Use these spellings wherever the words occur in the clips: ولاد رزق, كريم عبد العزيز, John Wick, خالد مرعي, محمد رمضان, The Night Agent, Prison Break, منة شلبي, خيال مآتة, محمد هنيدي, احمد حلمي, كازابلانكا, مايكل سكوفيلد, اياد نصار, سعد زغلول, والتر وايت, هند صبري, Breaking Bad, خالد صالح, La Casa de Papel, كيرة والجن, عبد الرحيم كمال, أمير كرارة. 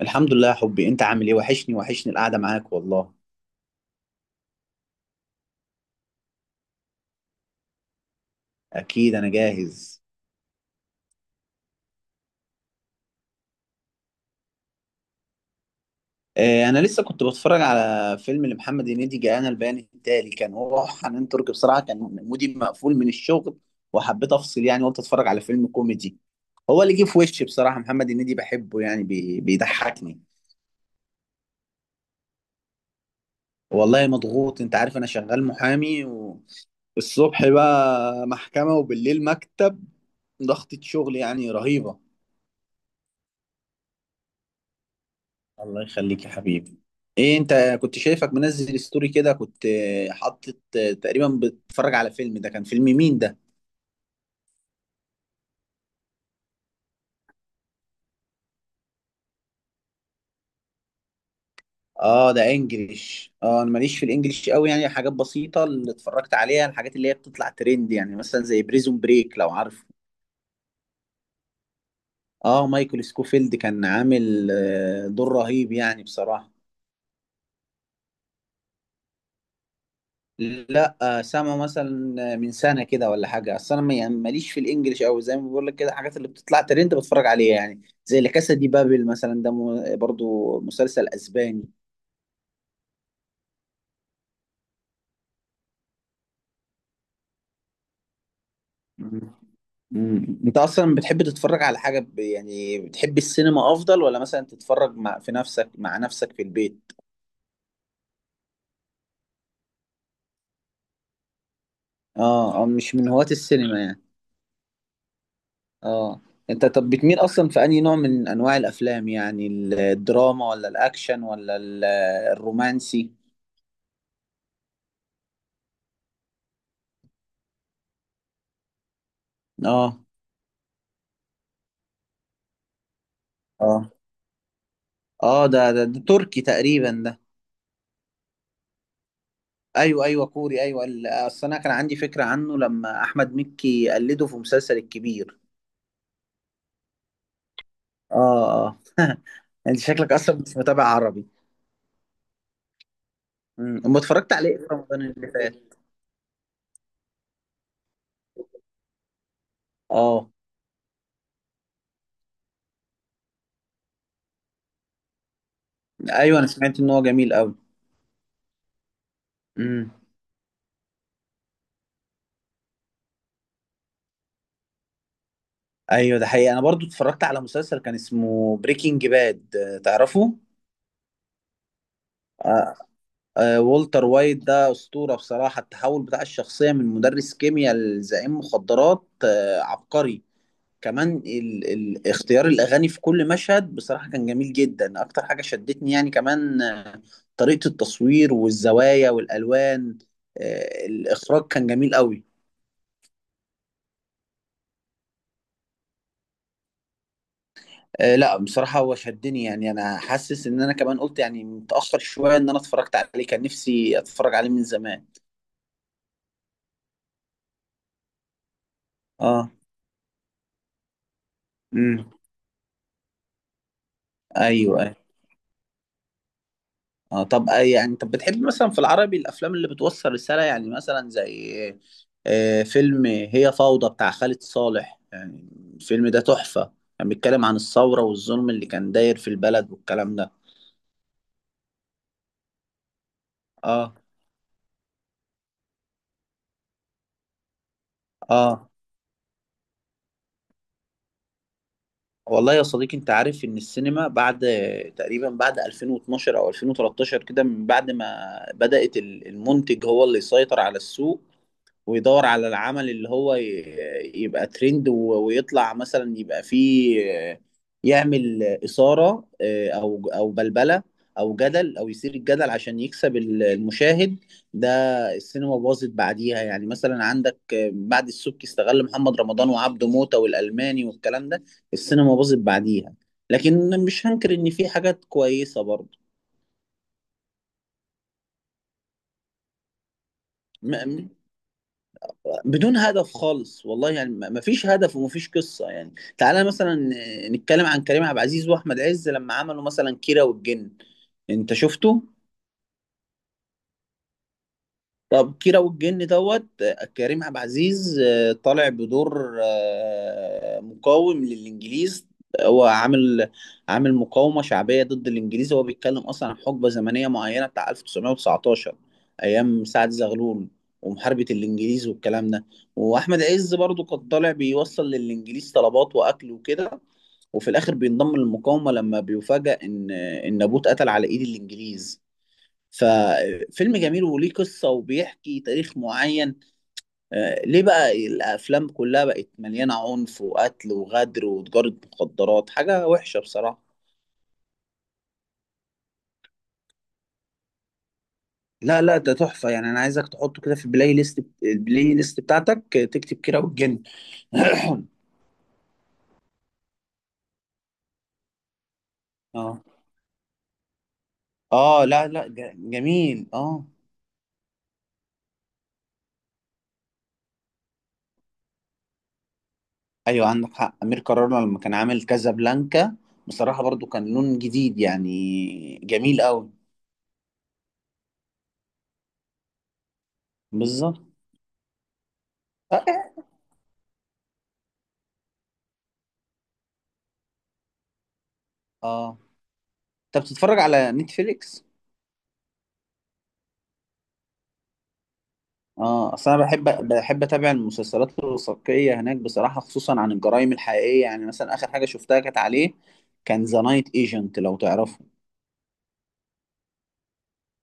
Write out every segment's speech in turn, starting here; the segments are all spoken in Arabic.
الحمد لله يا حبي، انت عامل ايه؟ وحشني القعده معاك والله. اكيد انا جاهز. اه، انا لسه كنت بتفرج على فيلم لمحمد هنيدي، جاءنا البيان التالي، كان هو وحنان ترك. بصراحه كان مودي مقفول من الشغل وحبيت افصل، يعني قلت اتفرج على فيلم كوميدي. هو اللي جه في وشي بصراحه، محمد هنيدي بحبه، يعني بيضحكني. والله مضغوط، انت عارف انا شغال محامي، والصبح بقى محكمه وبالليل مكتب، ضغطة شغل يعني رهيبه. الله يخليك يا حبيبي. ايه، انت كنت شايفك منزل ستوري كده، كنت حاطط تقريبا بتتفرج على فيلم، ده كان فيلم مين ده؟ اه، ده انجليش، اه انا ماليش في الانجليش قوي، يعني حاجات بسيطة اللي اتفرجت عليها، الحاجات اللي هي بتطلع ترند، يعني مثلا زي بريزون بريك لو عارفه. اه، مايكل سكوفيلد كان عامل دور رهيب يعني بصراحة. لا سامع مثلا من سنه كده ولا حاجه، اصل انا يعني ماليش في الانجليش قوي زي ما بقول لك كده، الحاجات اللي بتطلع ترند بتفرج عليها، يعني زي لا كاسا دي بابل مثلا، ده برضو مسلسل اسباني. مم. مم. انت اصلا بتحب تتفرج على حاجه، يعني بتحب السينما افضل، ولا مثلا تتفرج مع في نفسك مع نفسك في البيت؟ اه اه، مش من هواة السينما يعني. اه، انت طب بتميل اصلا في انهي نوع من انواع الافلام يعني؟ الدراما، ولا الاكشن، ولا الرومانسي؟ اه اه اه ده تركي تقريبا ده. ايوه ايوه كوري ايوه، اصل انا كان عندي فكره عنه لما احمد مكي قلده في مسلسل الكبير. اه اه انت شكلك اصلا مش متابع عربي. امم، أما اتفرجت عليه في رمضان اللي فات. اه ايوه، انا سمعت ان هو جميل قوي. امم. ايوه ده حقيقي، انا برضو اتفرجت على مسلسل كان اسمه بريكنج باد، تعرفه؟ آه آه، والتر وايت ده اسطوره بصراحه، التحول بتاع الشخصيه من مدرس كيمياء لزعيم مخدرات، آه عبقري. كمان اختيار الاغاني في كل مشهد بصراحه كان جميل جدا، اكتر حاجه شدتني يعني. كمان طريقه التصوير والزوايا والالوان، الاخراج كان جميل قوي. لا بصراحه هو شدني، يعني انا حاسس ان انا كمان قلت يعني متاخر شويه ان انا اتفرجت عليه، كان نفسي اتفرج عليه من زمان. اه. امم. ايوه. اه طب يعني، طب بتحب مثلا في العربي الافلام اللي بتوصل رساله يعني، مثلا زي فيلم هي فوضى بتاع خالد صالح يعني. الفيلم ده تحفه، كان بيتكلم عن الثوره والظلم اللي كان داير في البلد والكلام ده. اه اه. والله يا صديقي، انت عارف ان السينما بعد تقريبا بعد 2012 او 2013 كده، من بعد ما بدأت المنتج هو اللي يسيطر على السوق، ويدور على العمل اللي هو يبقى ترند ويطلع مثلا، يبقى فيه آه، يعمل إثارة، أو بلبلة أو جدل، أو يثير الجدل عشان يكسب المشاهد ده. السينما باظت بعديها. يعني مثلا عندك بعد السبكي استغل محمد رمضان وعبده موتة والألماني والكلام ده، السينما باظت بعديها، لكن مش هنكر إن في حاجات كويسة. برضه بدون هدف خالص، والله يعني ما فيش هدف وما فيش قصة يعني. تعالى مثلا نتكلم عن كريم عبد العزيز واحمد عز لما عملوا مثلا كيرة والجن، انت شفته؟ طب، كيرة والجن دوت كريم عبد العزيز طالع بدور مقاوم للإنجليز، هو عامل مقاومة شعبية ضد الإنجليز، هو بيتكلم أصلا عن حقبة زمنية معينة بتاع 1919 أيام سعد زغلول ومحاربة الإنجليز والكلام ده. وأحمد عز برضو كان طالع بيوصل للإنجليز طلبات وأكل وكده، وفي الآخر بينضم للمقاومة لما بيفاجأ إن أبوه اتقتل على إيد الإنجليز. ففيلم جميل وليه قصة وبيحكي تاريخ معين. ليه بقى الأفلام كلها بقت مليانة عنف وقتل وغدر وتجارة مخدرات، حاجة وحشة بصراحة. لا لا، ده تحفة يعني، أنا عايزك تحطه كده في البلاي ليست، البلاي ليست بتاعتك، تكتب كيرة والجن. اه اه، لا لا، جميل اه. ايوه عندك حق، امير كرارة لما كان عامل كازابلانكا، بصراحة برضو كان لون جديد يعني، جميل قوي. بالظبط. اه، انت بتتفرج على نتفليكس؟ اه، اصل انا بحب اتابع المسلسلات الوثائقيه هناك بصراحه، خصوصا عن الجرائم الحقيقيه. يعني مثلا اخر حاجه شفتها كانت عليه، كان ذا نايت ايجنت لو تعرفه.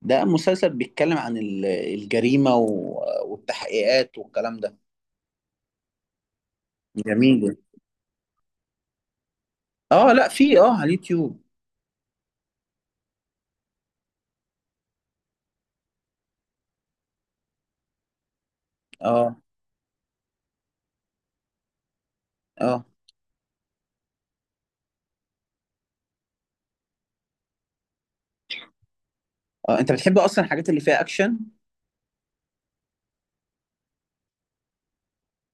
ده مسلسل بيتكلم عن الجريمه والتحقيقات والكلام ده. جميل. اه لا، في اه على اليوتيوب. اه اه اه، انت بتحب اصلا الحاجات اللي فيها اكشن؟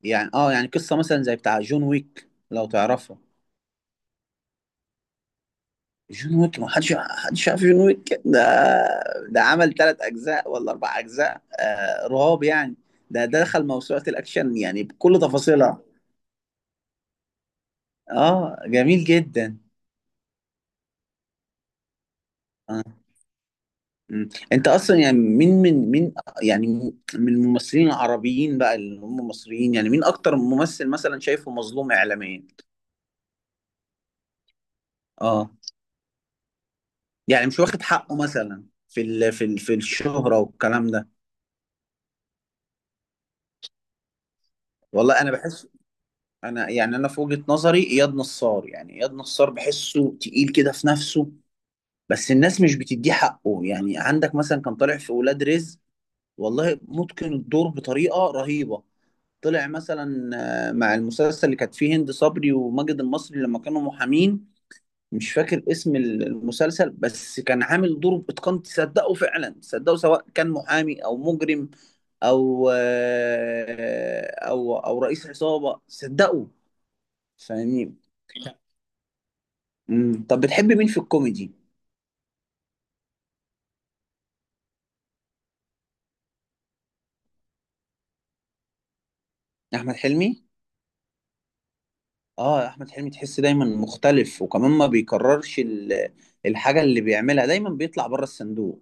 يعني اه، يعني قصه مثلا زي بتاع جون ويك لو تعرفه. جون ويك! ما حدش عارف جون ويك ده؟ ده عمل ثلاث اجزاء ولا اربع اجزاء، آه رهاب يعني. ده دخل موسوعة الاكشن يعني بكل تفاصيلها. اه جميل جدا. آه. مم. انت اصلا يعني مين من مين يعني، من الممثلين العربيين بقى اللي هم مصريين، يعني مين اكتر ممثل مثلا شايفه مظلوم اعلاميا؟ اه، يعني مش واخد حقه مثلا في ال في ال في الشهرة والكلام ده. والله انا بحس، انا يعني، انا في وجهة نظري اياد نصار، يعني اياد نصار بحسه تقيل كده في نفسه، بس الناس مش بتديه حقه. يعني عندك مثلا كان طالع في ولاد رزق، والله متقن الدور بطريقة رهيبة. طلع مثلا مع المسلسل اللي كانت فيه هند صبري وماجد المصري لما كانوا محامين، مش فاكر اسم المسلسل، بس كان عامل دور بإتقان تصدقه فعلا، تصدقه سواء كان محامي او مجرم، او آه، او او رئيس عصابة صدقه، فاهمني؟ مم. طب بتحب مين في الكوميدي؟ احمد حلمي. اه، احمد حلمي تحس دايما مختلف، وكمان ما بيكررش الحاجه اللي بيعملها، دايما بيطلع بره الصندوق.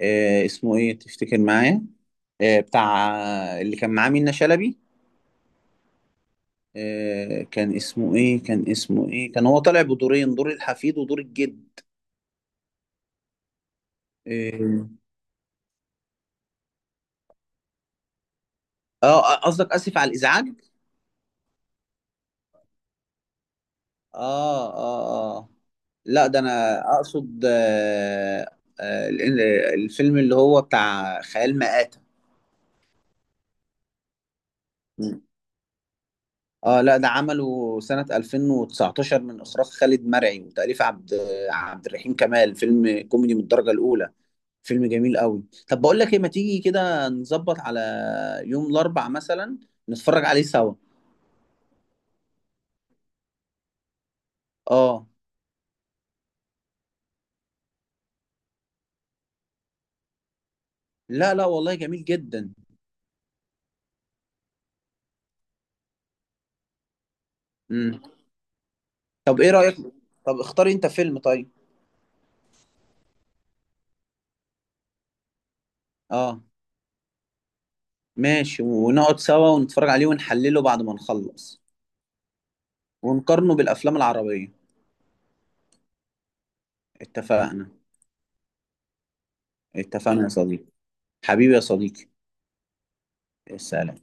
آه اسمه ايه تفتكر معايا؟ آه بتاع، اللي كان معاه منة شلبي. آه، كان اسمه ايه، كان اسمه ايه، كان هو طالع بدورين، دور الحفيد ودور الجد. اه قصدك اسف على الازعاج؟ اه اه اه، لا، ده انا اقصد آه آه الفيلم اللي هو بتاع خيال مآتة. مم. اه لا ده عمله سنة 2019، من اخراج خالد مرعي وتأليف عبد الرحيم كمال، فيلم كوميدي من الدرجة الاولى، فيلم جميل قوي. طب بقول لك ايه، ما تيجي كده نظبط على يوم الاربع مثلا، نتفرج عليه سوا. اه لا لا، والله جميل جدا. مم. طب ايه رأيك، طب اختاري انت فيلم طيب. اه ماشي، ونقعد سوا ونتفرج عليه ونحلله بعد ما نخلص ونقارنه بالأفلام العربية. اتفقنا، اتفقنا يا صديقي، حبيبي يا صديقي، السلام.